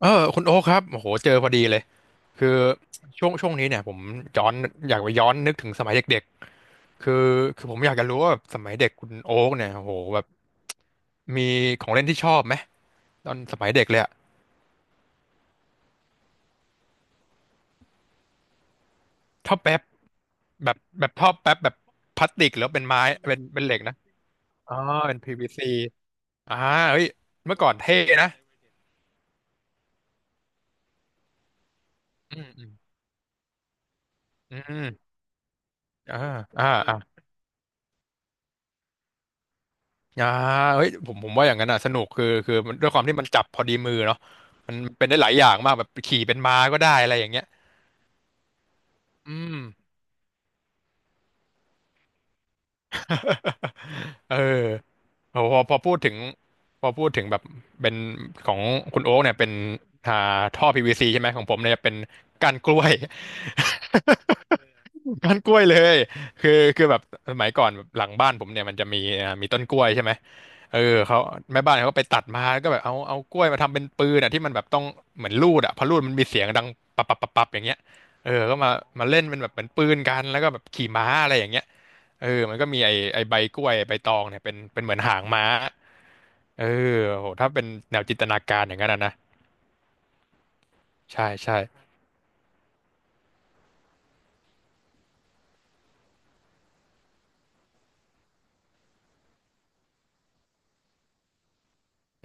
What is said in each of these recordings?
เออคุณโอ๊คครับโอ้โหเจอพอดีเลยคือช่วงนี้เนี่ยผมย้อนอยากไปย้อนนึกถึงสมัยเด็กๆคือผมอยากจะรู้ว่าแบบสมัยเด็กคุณโอ๊คเนี่ยโอ้โหแบบมีของเล่นที่ชอบไหมตอนสมัยเด็กเลยอะท่อแป๊บแบบท่อแป๊บแบบพลาสติกหรือว่าเป็นไม้เป็นเหล็กนะอ๋อเป็น p ซ c อ่าเฮ้ยเมื่อก่อนเท่นะอืมอืมอืมอ่าอ่าอ่า อ่าเฮ้ยผมว่าอย่างนั้นอ่ะสนุกคือมันด้วยความที่มันจับพอดีมือเนาะมันเป็นได้หลายอย่างมากแบบขี่เป็นม้าก็ได้อะไรอย่างเงี้ยอืม เออโหพอพูดถึงพอพูดถึงแบบเป็นของคุณโอ๊กเนี่ยเป็นอ่าท่อ PVC ใช่ไหมของผมเนี่ยเป็นก้านกล้วย ก้านกล้วยเลยคือคือแบบสมัยก่อนแบบหลังบ้านผมเนี่ยมันจะมีมีต้นกล้วยใช่ไหมเออเขาแม่บ้านเขาก็ไปตัดมาแล้วก็แบบเอากล้วยมาทำเป็นปืนอ่ะที่มันแบบต้องเหมือนลูดอ่ะพอลูดมันมีเสียงดังปับปับปับปับอย่างเงี้ยเออก็มามาเล่นเป็นแบบเหมือนปืนกันแล้วก็แบบขี่ม้าอะไรอย่างเงี้ยเออมันก็มีไอไอใบกล้วยใบตองเนี่ยเป็นเป็นเหมือนหางม้าเออโหถ้าเป็นแนวจินตนาการอย่างนั้นอะนะใช่ใช่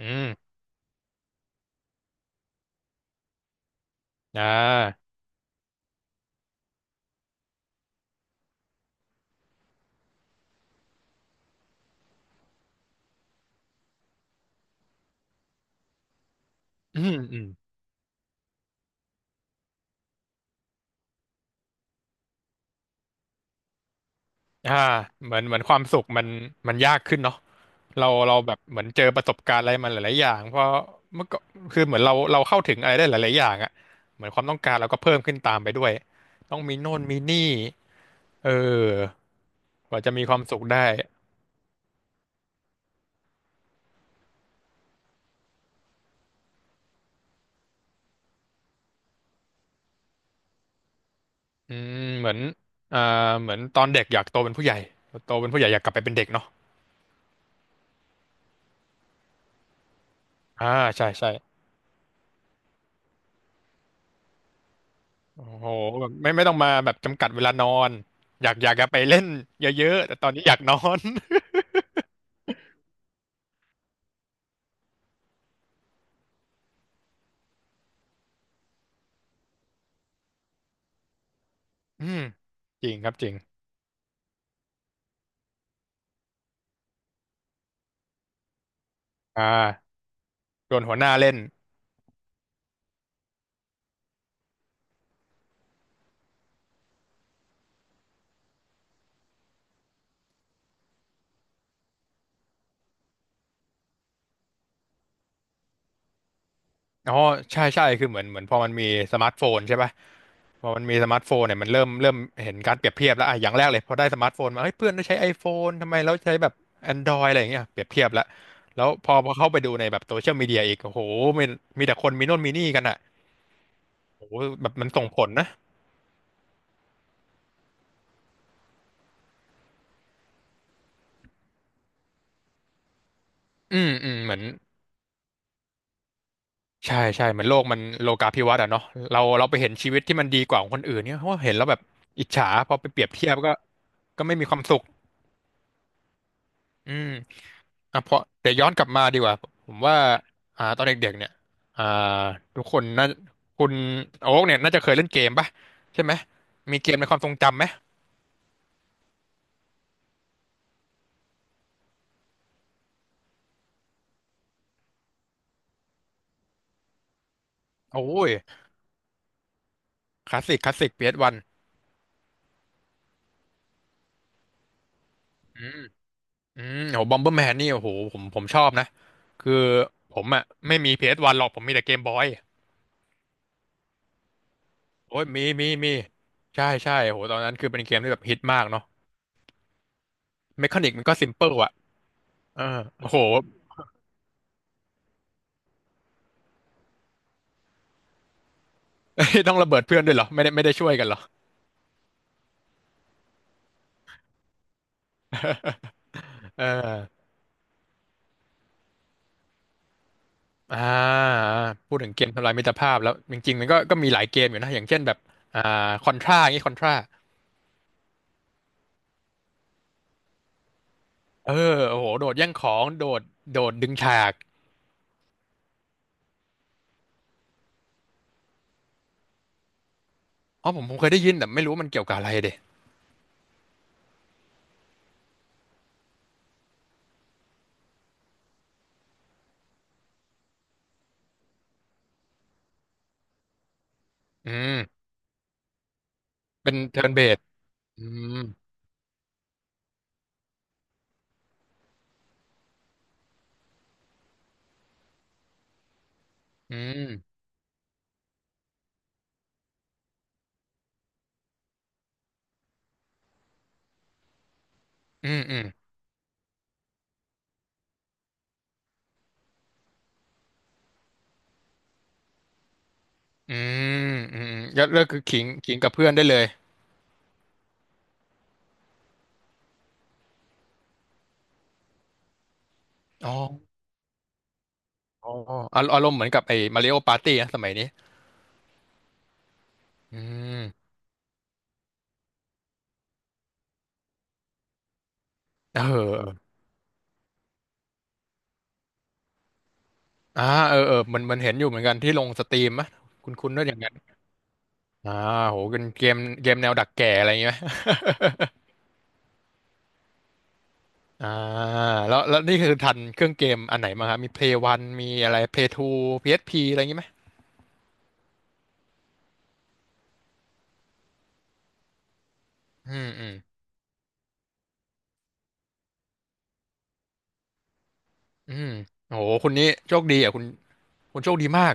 อืมอ่าอืมอืม อ่าเหมือนเหมือนความสุขมันยากขึ้นเนาะเราแบบเหมือนเจอประสบการณ์อะไรมาหลายๆอย่างเพราะเมื่อก็คือเหมือนเราเข้าถึงอะไรได้หลายๆอย่างอะเหมือนความต้องการเราก็เพิ่มขึ้นตามไปด้วยต้องมีโน่นมีนี่เออกว่าจะมีความสุขได้อืมเหมือนอ่าเหมือนตอนเด็กอยากโตเป็นผู้ใหญ่โตเป็นผู้ใหญ่อยากกลับไปเป็นเด็กเนาะอ่าใช่ใช่โอ้โหแบบไม่ต้องมาแบบจำกัดเวลานอนอยากจะไปเล่นเยอะๆแต่ตอนนี้อยากนอน อืมจริงครับจริง อ่าโดนหัวหน้าเล่นอ๋อใช่ใช่คือเหมือนเหมือนพอมันมีสมาร์ทโฟนใช่ปะพอมันมีสมาร์ทโฟนเนี่ยมันเริ่มเห็นการเปรียบเทียบแล้วอ่ะอย่างแรกเลยพอได้สมาร์ทโฟนมาเฮ้ยเพื่อนได้ใช้ iPhone ทำไมเราใช้แบบ Android อะไรอย่างเงี้ยเปรียบเทียบแล้วแล้วพอเข้าไปดูในแบบโซเชียลมีเดียอีกโอ้โหมีมีแต่คนมีโน่นมีนี่กันอ่ะโอ้โหแบบมันส่งผลนะอืมอืมเหมือนใช่ใช่เหมือนโลกมันโลกาภิวัตน์อะเนาะเราไปเห็นชีวิตที่มันดีกว่าของคนอื่นเนี่ยเพราะว่าเห็นแล้วแบบอิจฉาพอไปเปรียบเทียบก็ก็ไม่มีความสุขอืม อ่ะเพราะเดี๋ยวย้อนกลับมาดีกว่าผมว่าตอนเด็กๆเนี่ยอ่าทุกคนน่าคุณโอ๊กเนี่ยน่าจะเคยเล่นเกมป่ะใช่ไหมมีเกมในความทรงจำไหมโอ้ยคลาสสิกคลาสสิก PS1 อสวันอืมอืมโอ้บอมเบอร์แมนนี่โอ้โหผมชอบนะคือผมอ่ะไม่มี PS1 หรอกผมมีแต่เกมบอยโอ้ยมีมีมีใช่ใช่โอ้โหตอนนั้นคือเป็นเกมที่แบบฮิตมากเนาะเมคานิกมันก็ซิมเปิลอ่ะเออโอ้โห ต้องระเบิดเพื่อนด้วยเหรอไม่ได้ช่วยกันเหรอ เออ อ่าพูดถึงเกมทำลายมิตรภาพแล้วจริงๆมันก็ก็มีหลายเกมอยู่นะอย่างเช่นแบบอ่าคอนทราอย่างงี้คอนทราเออโอ้โหโดดแย่งของโดดโดดดึงฉากอ๋อผมเคยได้ยินแต่ไม่รู้มันเกี่ยวกับอะไรเดะอืมเป็นเทิร์นเบสอืมอืมอืมอืมอืมอืมก็เลือกคือขิงขิงกับเพื่อนได้เลยอ๋ออ๋ออารมณ์เหมือนกับไอ้มาริโอปาร์ตี้นะสมัยนี้อืมเอออ่าเออเออมันมันเห็นอยู่เหมือนกันที่ลงสตรีมมะคุณคุณด้วยอยังไง อ่าโหเป็นเกมเกมแนวดักแก่อะไรอย่างเงี้ยไหม อ่าแล้วแล้วนี่คือทันเครื่องเกมอันไหนมาครับมี Play วันมีอะไร Play 2 PSP อสพีอะไรอย่างงี้ไหมอืมอืมอืมโห คุณนี้โชคดีอ่ะคุณคุณโชคดีมาก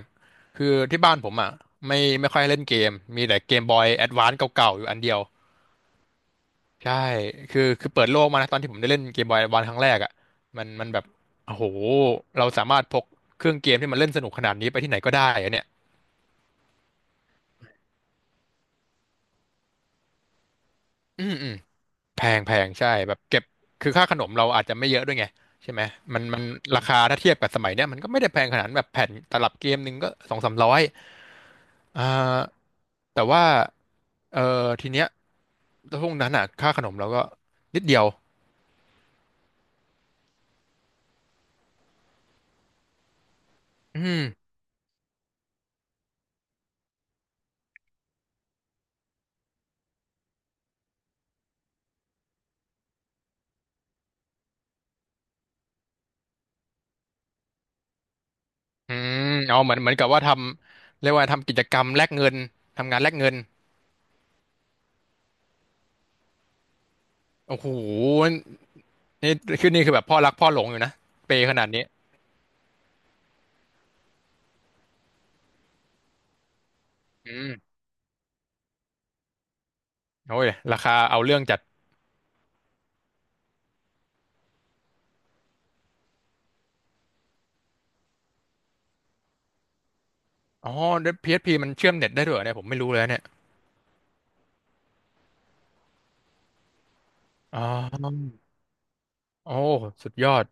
คือที่บ้านผมอ่ะไม่ไม่ค่อยเล่นเกม มีแต่เกมบอยแอดวานซ์เก่าๆอยู่อันเดียวใช่คือเปิดโลกมานะตอนที่ผมได้เล่นเกมบอยแอดวานซ์ครั้งแรกอ่ะมันแบบโอ้โห เราสามารถพกเครื่องเกมที่มันเล่นสนุกขนาดนี้ไปที่ไหนก็ได้อะเนี่ยอืมอืม แพงแพงใช่แบบเก็บคือค่าขนมเราอาจจะไม่เยอะด้วยไงใช่ไหมมันราคาถ้าเทียบกับสมัยเนี้ยมันก็ไม่ได้แพงขนาดนั้นแบบแผ่นตลับเกมหนึ่งก็สองสามร้อยอ่าแต่ว่าเออทีเนี้ยช่วงนั้นอ่ะค่าขนมเราก็นิดเดียวอืมอืมเอาเหมือนกับว่าเรียกว่าทำกิจกรรมแลกเงินทำงานแลกเงินโอ้โหนี่คือแบบพ่อรักพ่อหลงอยู่นะเปย์ขนาดนี้อืมโอ้ยราคาเอาเรื่องจัดอ๋อ p พ p มันเชื่อมเน็ตได้ด้วยเหรอเนี่ยผมไม่รู้เลยนะเนี่ย อ๋อโอ้สุดยอด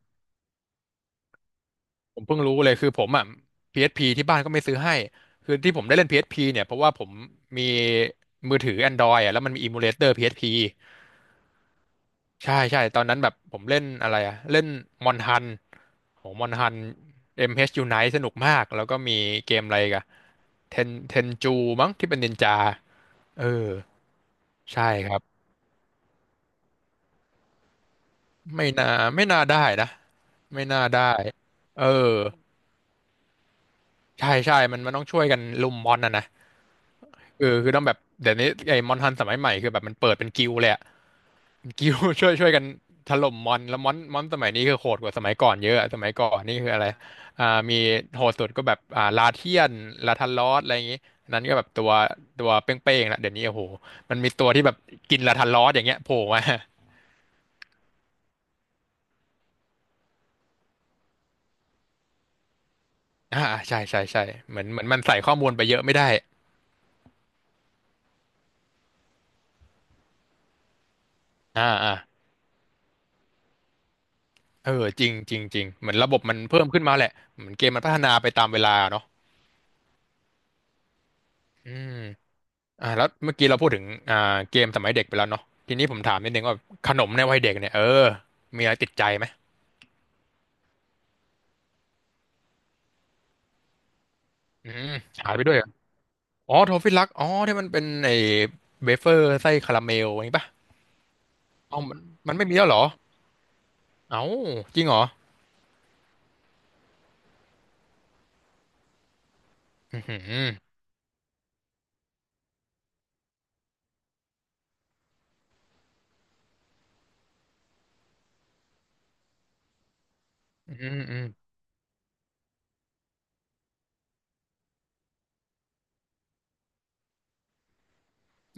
ผมเพิ่งรู้เลยคือผมอ่ะ PSP ที่บ้านก็ไม่ซื้อให้ คือที่ผมได้เล่น PSP เอสพีเนี่ยเพราะว่าผมมีมือถือ Android อ่ะแล้วมันมีอิมูเลเตอร์ PSP ใช่ใช่ตอนนั้นแบบผมเล่นอะไรอ่ะเล่นมอนฮันโหมอนฮัน MH Unite สนุกมากแล้วก็มีเกมอะไรอีกันเทนเทนจูมั้งที่เป็นนินจา เออใช่ครับไม่น่าไม่น่าได้นะไม่น่าได้ เออ ใช่ใช่มันต้องช่วยกันลุมมอนนะนะ เออคือต้องแบบเดี๋ยวนี้ไอ้มอนทันสมัยใหม่คือแบบมันเปิดเป็นกิลด์เลยอะเป็นกิลด์ ช่วยช่วยกันถล่มมอนแล้วมอนมอนสมัยนี้คือโหดกว่าสมัยก่อนเยอะอะสมัยก่อนนี่คืออะไรอ่ามีโหดสุดก็แบบลาเทียนลาทันลอสอะไรอย่างงี้อันนั้นก็แบบตัวตัวเป้งๆละเดี๋ยวนี้โอ้โหมันมีตัวที่แบบกินลาทันลอสอย่างเงี้ยโผล่มา อ่าใช่ใช่ใช่เหมือนมันใส่ข้อมูลไปเยอะไม่ได้อ่าอ่าเออจริงจริงจริงเหมือนระบบมันเพิ่มขึ้นมาแหละเหมือนเกมมันพัฒนาไปตามเวลาเนาะอืม แล้วเมื่อกี้เราพูดถึงอ่าเกมสมัยเด็กไปแล้วเนาะทีนี้ผมถามนิดนึงว่าขนมในวัยเด็กเนี่ยมีอะไรติดใจไหมอืมหายไปด้วยเหรออ๋อโทฟิลักอ๋อที่มันเป็นไอ้เวเฟอร์ไส้คาราเมลอย่างนี้ป่ะอ๋อมันไม่มีแล้วเหรอเอ้าจริงเหรออืมอืมอืม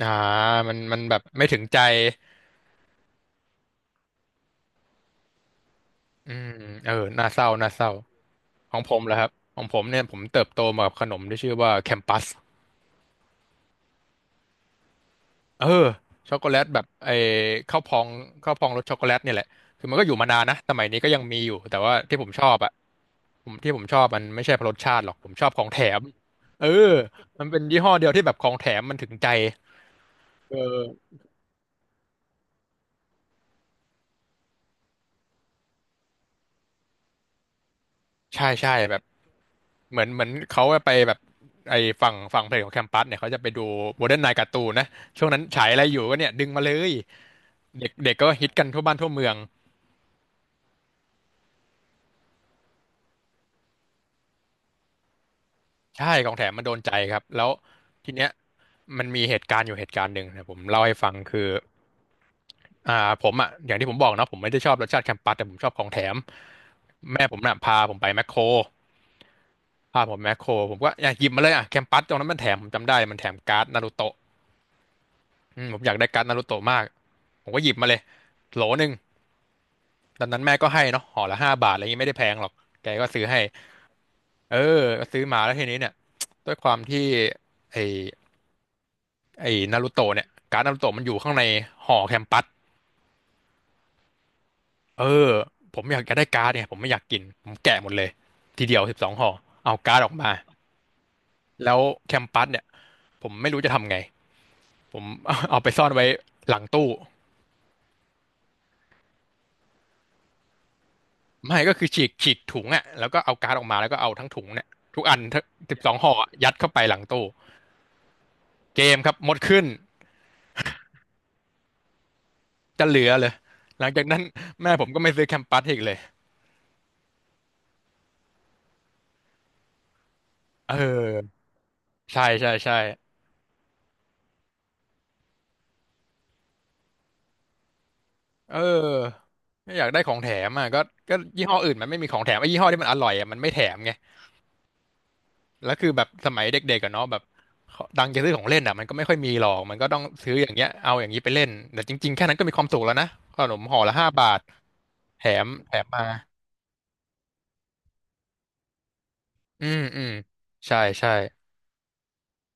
อ่ามันแบบไม่ถึงใจเออน่าเศร้าน่าเศร้าของผมเหรอครับของผมเนี่ยผมเติบโตมากับขนมที่ชื่อว่าแคมปัส เออช็อกโกแลตแบบไอ้ข้าวพองข้าวพองรสช็อกโกแลตเนี่ยแหละคือมันก็อยู่มานานนะสมัยนี้ก็ยังมีอยู่แต่ว่าที่ผมชอบอะที่ผมชอบมันไม่ใช่เพราะรสชาติหรอกผมชอบของแถมเออมันเป็นยี่ห้อเดียวที่แบบของแถมมันถึงใจเออใช่ใช่แบบเหมือนเขาไปแบบไอ้ฝั่งเพลงของแคมปัสเนี่ยเขาจะไปดูโมเดิร์นไนน์การ์ตูนนะช่วงนั้นฉายอะไรอยู่ก็เนี่ยดึงมาเลยเด็กเด็กก็ฮิตกันทั่วบ้านทั่วเมือง ใช่ของแถมมันโดนใจครับ แล้วทีเนี้ยมันมีเหตุการณ์อยู่เหตุการณ์หนึ่งนะผมเล่าให้ฟังคืออ่าผมอ่ะอย่างที่ผมบอกนะผมไม่ได้ชอบรสชาติแคมปัสแต่ผมชอบของแถมแม่ผมน่ะพาผมไปแมคโครพาผมแมคโครผมก็อยากหยิบมาเลยอ่ะแคมปัสตรงนั้นมันแถมผมจำได้มันแถมการ์ดนารูโตะอืมผมอยากได้การ์ดนารูโตะมากผมก็หยิบมาเลยโหลหนึ่งตอนนั้นแม่ก็ให้เนาะห่อละห้าบาทอะไรอย่างงี้ไม่ได้แพงหรอกแกก็ซื้อให้เออก็ซื้อมาแล้วทีนี้เนี่ยด้วยความที่ไอ ไอ้นารูโตะเนี่ยการ์ดนารูโตะมันอยู่ข้างในห่อแคมปัสเออผมอยากจะได้การ์ดเนี่ยผมไม่อยากกินผมแกะหมดเลยทีเดียวสิบสองห่อเอาการ์ดออกมาแล้วแคมปัสเนี่ยผมไม่รู้จะทำไงผม เอาไปซ่อนไว้หลังตู้ไม่ก็คือฉีกฉีกถุงอ่ะแล้วก็เอาการ์ดออกมาแล้วก็เอาทั้งถุงเนี่ยทุกอันสิบสองห่ออะยัดเข้าไปหลังตู้เกมครับหมดขึ้นจะเหลือเลยหลังจากนั้นแม่ผมก็ไม่ซื้อแคมปัสอีกเลยเออใช่ใช่ใช่ เออไม่อยากได้ของแถมอ่ะก็ยี่ห้ออื่นมันไม่มีของแถมไอ้ยี่ห้อที่มันอร่อยอ่ะมันไม่แถมไงแล้วคือแบบสมัยเด็กๆกันเนาะแบบดังจะซื้อของเล่นอ่ะมันก็ไม่ค่อยมีหรอกมันก็ต้องซื้ออย่างเงี้ยเอาอย่างนี้ไปเล่นแต่จริงๆแค่นั้นก็มีความสุขแล้วนะขนมห่อละห้าบาทแถมมาอืมอืมใช่ใช่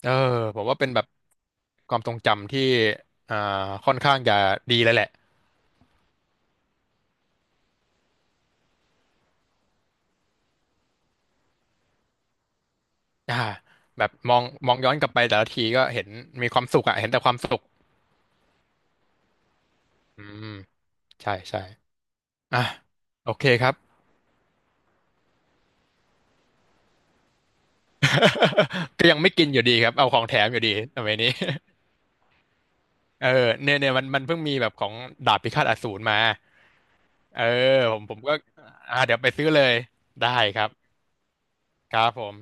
เออผมว่าเป็นแบบความทรงจำที่อ่าค่อนข้างจะดีเลยแหละอ่าแบบมองย้อนกลับไปแต่ละทีก็เห็นมีความสุขอ่ะเห็นแต่ความสุขอืม ใช่ใช่ อ่ะ โอเคครับ ก็ยังไม่กินอยู่ดีครับ เอาของแถมอยู่ดีทำไมยนี้ เออเนี่ยมันเพิ่งมีแบบของดาบพิฆาตอสูรมาเออผมก็อ่าเดี๋ยวไปซื้อเลย ได้ครับครับผม